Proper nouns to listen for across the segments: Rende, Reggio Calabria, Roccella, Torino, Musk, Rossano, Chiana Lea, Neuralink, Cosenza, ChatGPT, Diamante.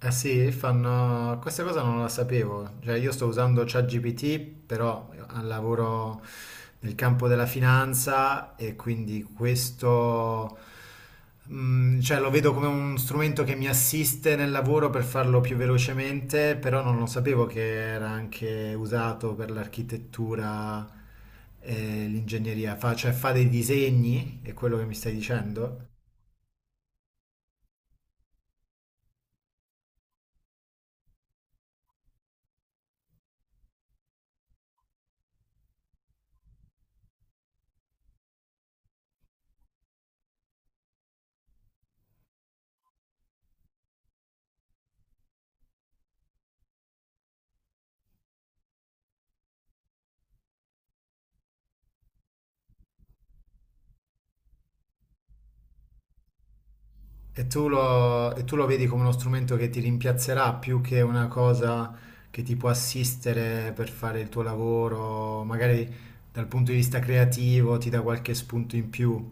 Eh sì, fanno... questa cosa non la sapevo, cioè io sto usando ChatGPT, però al lavoro nel campo della finanza e quindi questo, cioè lo vedo come un strumento che mi assiste nel lavoro per farlo più velocemente, però non lo sapevo che era anche usato per l'architettura e l'ingegneria, fa, cioè fa dei disegni, è quello che mi stai dicendo? E tu lo vedi come uno strumento che ti rimpiazzerà più che una cosa che ti può assistere per fare il tuo lavoro, magari dal punto di vista creativo ti dà qualche spunto in più.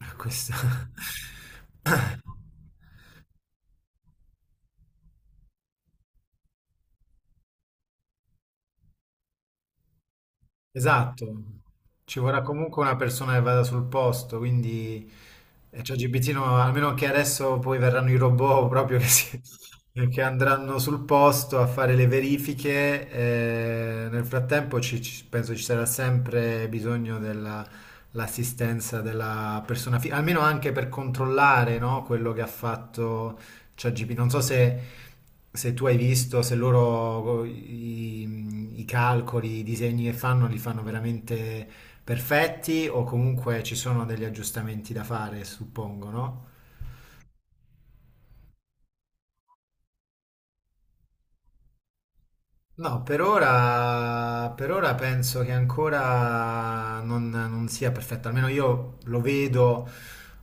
Questo. Esatto, ci vorrà comunque una persona che vada sul posto, quindi ChatGPT, no, almeno che adesso poi verranno i robot proprio che, che andranno sul posto a fare le verifiche, nel frattempo penso ci sarà sempre bisogno dell'assistenza della persona, almeno anche per controllare, no, quello che ha fatto ChatGPT, non so se, se tu hai visto, se loro i calcoli, i disegni che fanno li fanno veramente perfetti o comunque ci sono degli aggiustamenti da fare, suppongo, no? No, per ora penso che ancora non sia perfetto, almeno io lo vedo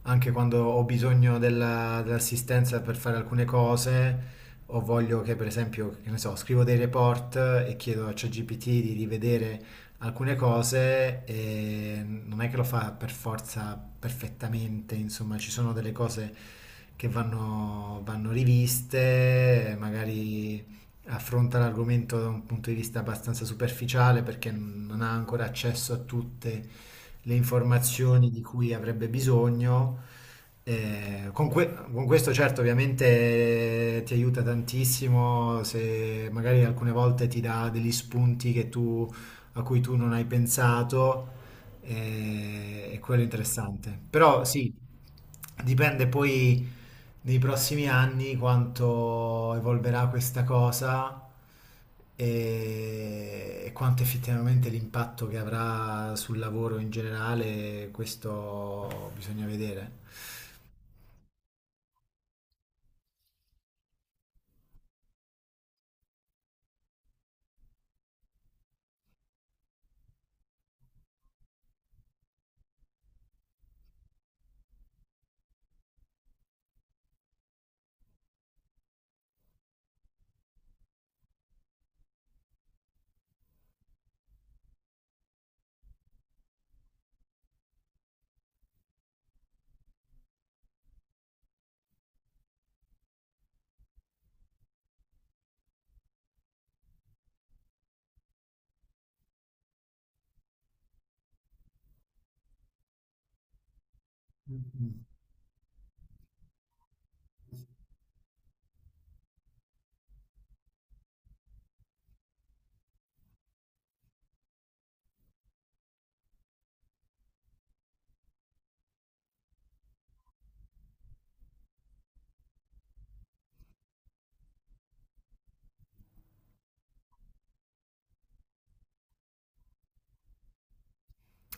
anche quando ho bisogno dell'assistenza per fare alcune cose, o voglio che, per esempio, che ne so, scrivo dei report e chiedo a ChatGPT di rivedere alcune cose, e non è che lo fa per forza perfettamente, insomma, ci sono delle cose che vanno riviste, magari affronta l'argomento da un punto di vista abbastanza superficiale perché non ha ancora accesso a tutte le informazioni di cui avrebbe bisogno. Con, con questo certo ovviamente ti aiuta tantissimo se magari alcune volte ti dà degli spunti che tu, a cui tu non hai pensato e quello è interessante. Però sì, dipende poi nei prossimi anni quanto evolverà questa cosa e quanto effettivamente l'impatto che avrà sul lavoro in generale, questo bisogna vedere.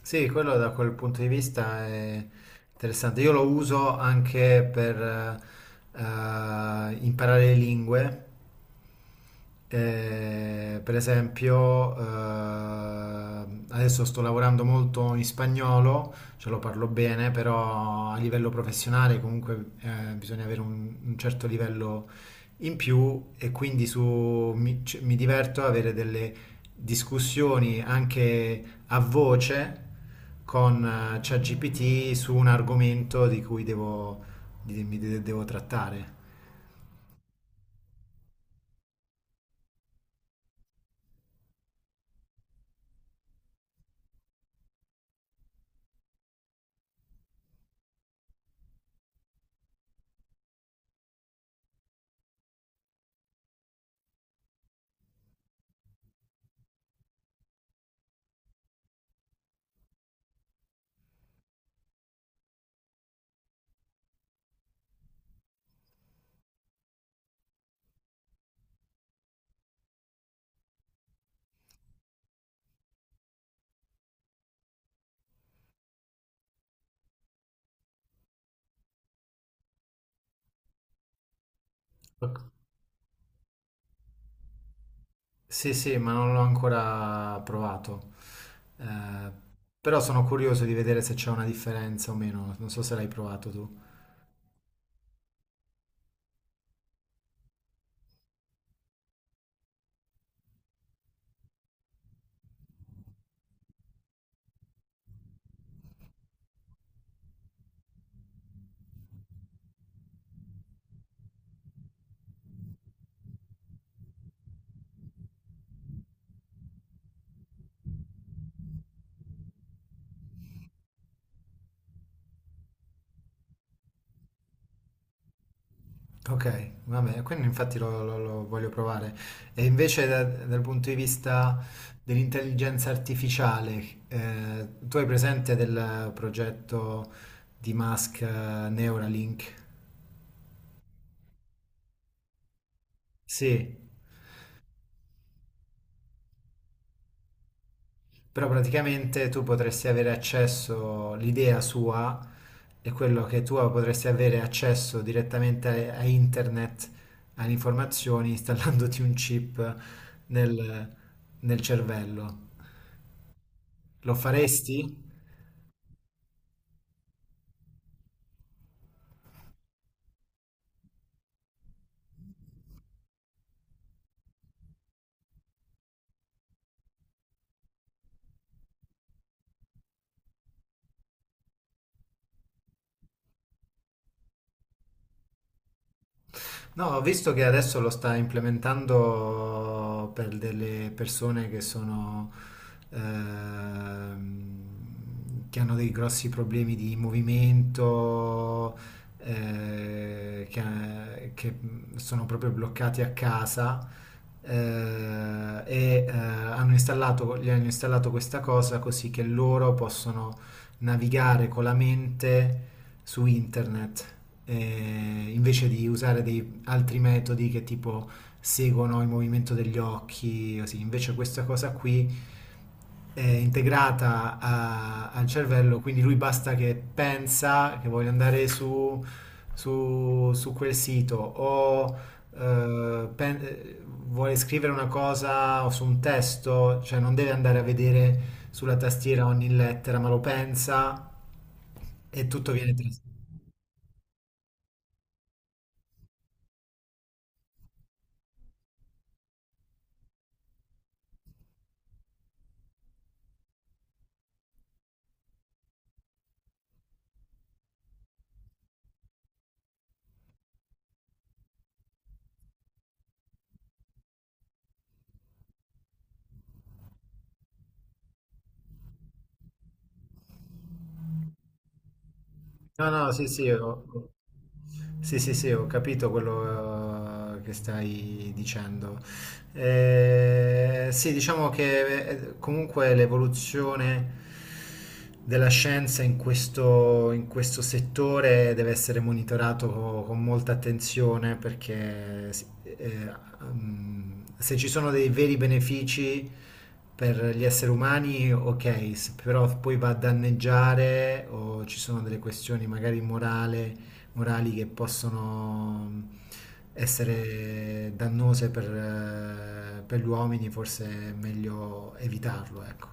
Sì, quello da quel punto di vista è interessante. Io lo uso anche per eh, imparare le lingue. Per esempio, adesso sto lavorando molto in spagnolo, ce lo parlo bene, però a livello professionale comunque bisogna avere un certo livello in più e quindi mi diverto ad avere delle discussioni anche a voce con ChatGPT su un argomento di cui devo, devo trattare. Sì, sì, ma non l'ho ancora provato. Eh, però sono curioso di vedere se c'è una differenza o meno. Non so se l'hai provato tu. Ok, vabbè, quindi infatti lo voglio provare. E invece dal punto di vista dell'intelligenza artificiale, tu hai presente del progetto di Musk, Neuralink? Sì, però praticamente tu potresti avere accesso, l'idea sua è quello che tu potresti avere accesso direttamente a, a internet, alle informazioni, installandoti un chip nel nel cervello. Lo faresti? No, ho visto che adesso lo sta implementando per delle persone che sono, che hanno dei grossi problemi di movimento, che sono proprio bloccati a casa, e hanno installato, gli hanno installato questa cosa così che loro possono navigare con la mente su internet invece di usare dei altri metodi che tipo seguono il movimento degli occhi, così. Invece questa cosa qui è integrata al cervello, quindi lui basta che pensa che voglio andare su, su quel sito o eh, pen- eh, vuole scrivere una cosa o su un testo, cioè non deve andare a vedere sulla tastiera ogni lettera, ma lo pensa e tutto viene trasmesso. No, no, sì, sì, sì, sì, sì, ho capito quello che stai dicendo. Sì, diciamo che comunque l'evoluzione della scienza in questo settore deve essere monitorato con molta attenzione perché mm, se ci sono dei veri benefici per gli esseri umani, ok, se però poi va a danneggiare o ci sono delle questioni magari morali morali che possono essere dannose per gli uomini, forse è meglio evitarlo, ecco.